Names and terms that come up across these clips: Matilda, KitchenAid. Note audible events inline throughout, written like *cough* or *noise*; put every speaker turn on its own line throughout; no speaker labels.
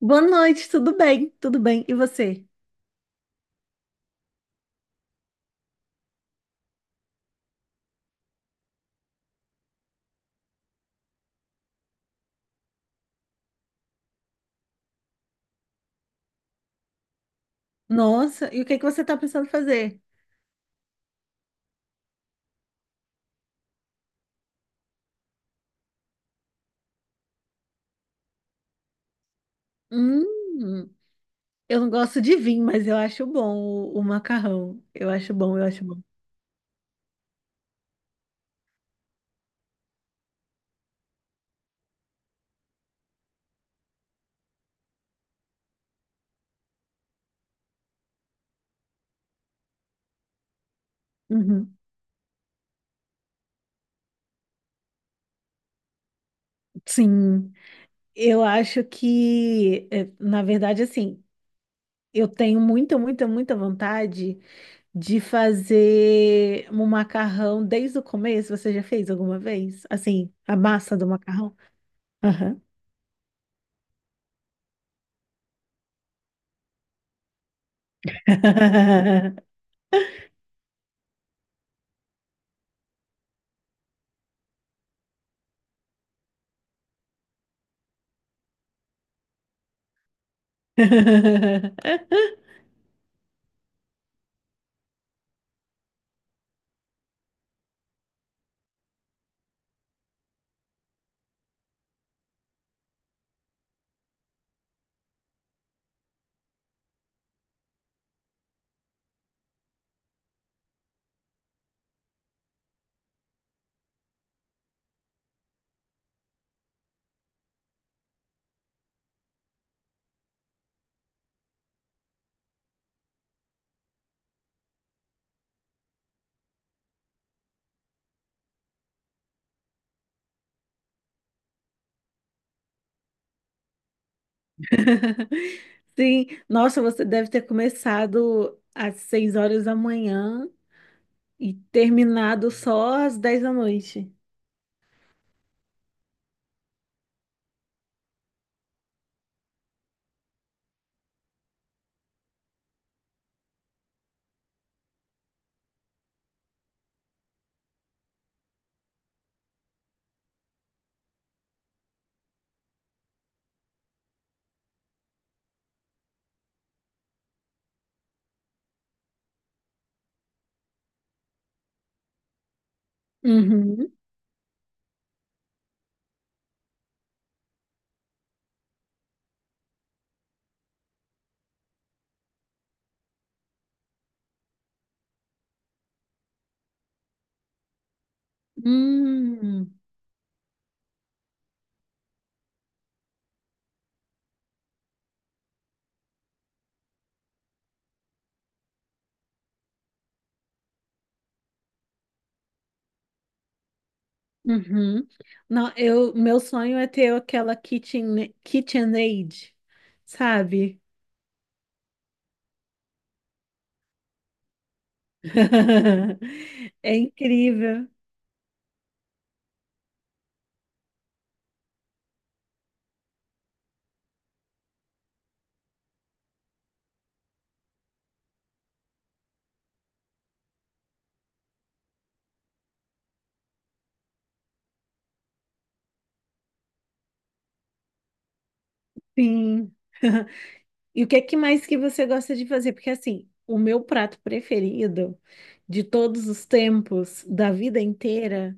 Boa noite, tudo bem? Tudo bem. E você? Nossa, e o que é que você está pensando fazer? Hum, eu não gosto de vinho, mas eu acho bom o macarrão. Eu acho bom, eu acho bom. Uhum. Sim, eu acho que, é, na verdade, assim, eu tenho muita vontade de fazer um macarrão desde o começo. Você já fez alguma vez? Assim, a massa do macarrão? Aham. *laughs* Sim, nossa, você deve ter começado às 6 horas da manhã e terminado só às 10 da noite. Uhum. Hum, uhum. Não, eu, meu sonho é ter aquela KitchenAid, sabe? *laughs* É incrível, sim. *laughs* E o que é que mais que você gosta de fazer? Porque assim, o meu prato preferido de todos os tempos, da vida inteira,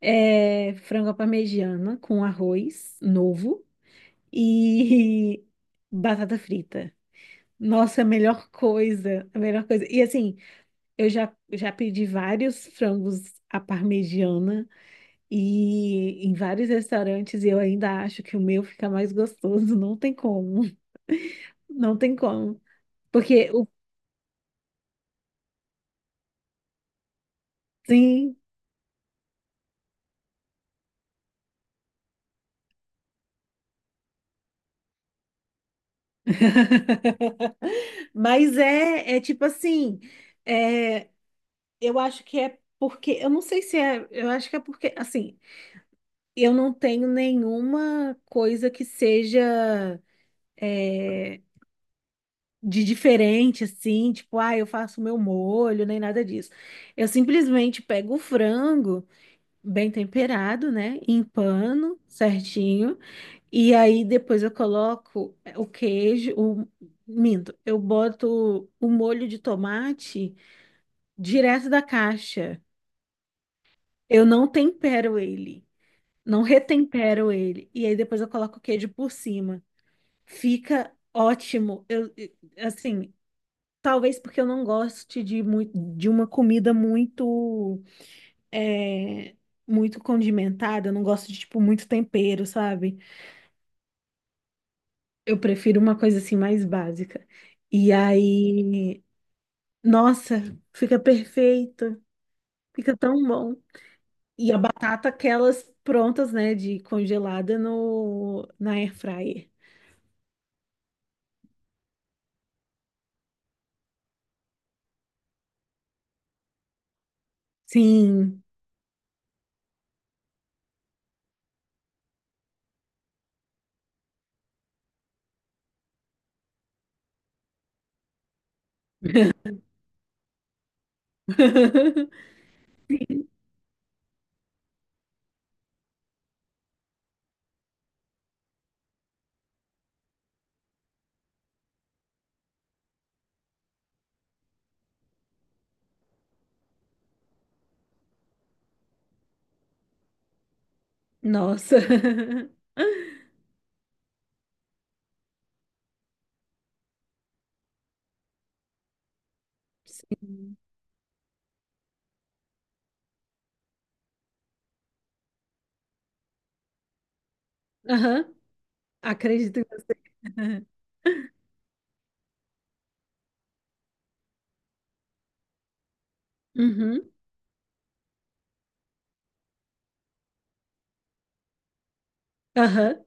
é, frango à parmegiana com arroz novo e *laughs* batata frita. Nossa, é a melhor coisa, a melhor coisa. E assim, eu já pedi vários frangos à parmegiana e em vários restaurantes e eu ainda acho que o meu fica mais gostoso. Não tem como, *laughs* não tem como. Porque o sim. *laughs* Mas é, é tipo assim, é, eu acho que é porque, eu não sei se é, eu acho que é porque, assim, eu não tenho nenhuma coisa que seja de diferente, assim, tipo, ah, eu faço meu molho, nem nada disso. Eu simplesmente pego o frango bem temperado, né, em pano, certinho, e aí depois eu coloco o queijo, o, minto, eu boto o molho de tomate direto da caixa. Eu não tempero ele. Não retempero ele. E aí depois eu coloco o queijo por cima. Fica ótimo. Assim, talvez porque eu não goste de, de uma comida muito, é, muito condimentada. Eu não gosto de, tipo, muito tempero, sabe? Eu prefiro uma coisa assim mais básica. E aí, nossa, fica perfeito. Fica tão bom. E a batata, aquelas prontas, né, de congelada no, na air fryer. Sim. *laughs* *laughs* Sim. Nossa. *laughs* Sim. Aham. Acredito em você. *laughs* Uhum. Aham.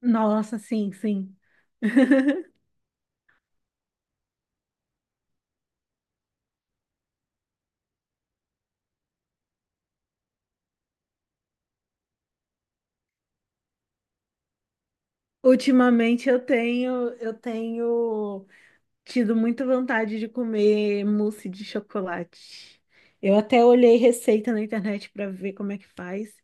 Nossa, sim, sim. *laughs* Ultimamente eu tenho tido muita vontade de comer mousse de chocolate. Eu até olhei receita na internet para ver como é que faz.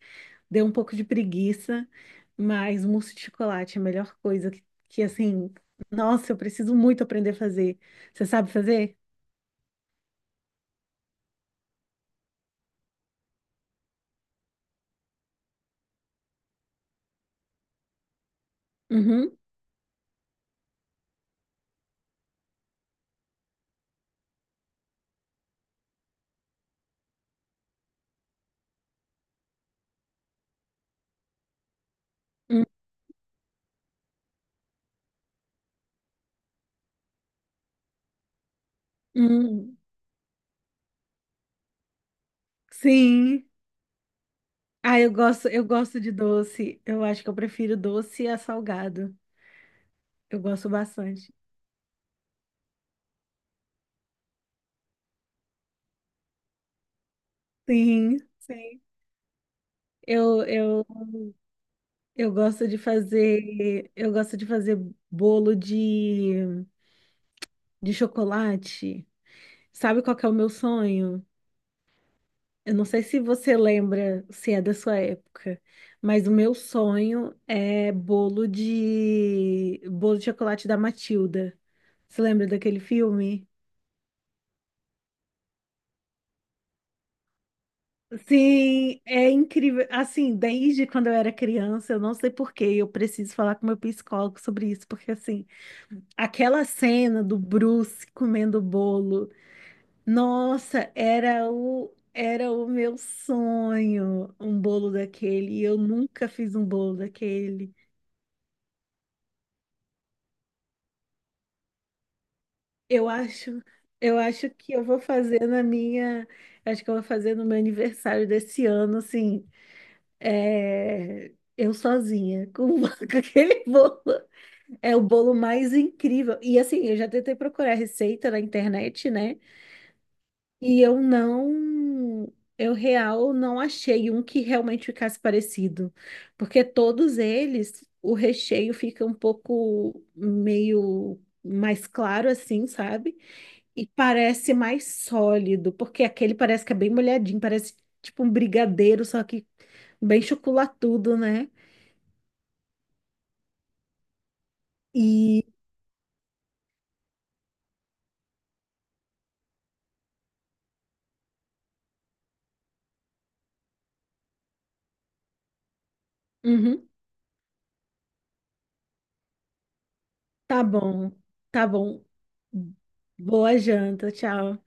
Deu um pouco de preguiça, mas mousse de chocolate é a melhor coisa que assim, nossa, eu preciso muito aprender a fazer. Você sabe fazer? Uhum. Hum, hum. Sim. Ah, eu gosto de doce. Eu acho que eu prefiro doce a salgado. Eu gosto bastante. Sim, sim. Eu, eu, eu gosto de fazer, eu gosto de fazer bolo de chocolate. Sabe qual que é o meu sonho? Eu não sei se você lembra, se é da sua época, mas o meu sonho é bolo de chocolate da Matilda. Você lembra daquele filme? Sim, é incrível. Assim, desde quando eu era criança, eu não sei por quê, eu preciso falar com meu psicólogo sobre isso, porque assim, aquela cena do Bruce comendo o bolo, nossa, era o meu sonho, um bolo daquele, e eu nunca fiz um bolo daquele. Eu acho, eu acho que eu vou fazer na minha, acho que eu vou fazer no meu aniversário desse ano, assim, é, eu sozinha, com *laughs* com aquele bolo. É o bolo mais incrível. E assim, eu já tentei procurar receita na internet, né? E eu não, eu real não achei um que realmente ficasse parecido, porque todos eles, o recheio fica um pouco meio mais claro assim, sabe? E parece mais sólido, porque aquele parece que é bem molhadinho, parece tipo um brigadeiro, só que bem chocolatudo, né? E uhum. Tá bom, tá bom. Boa janta, tchau.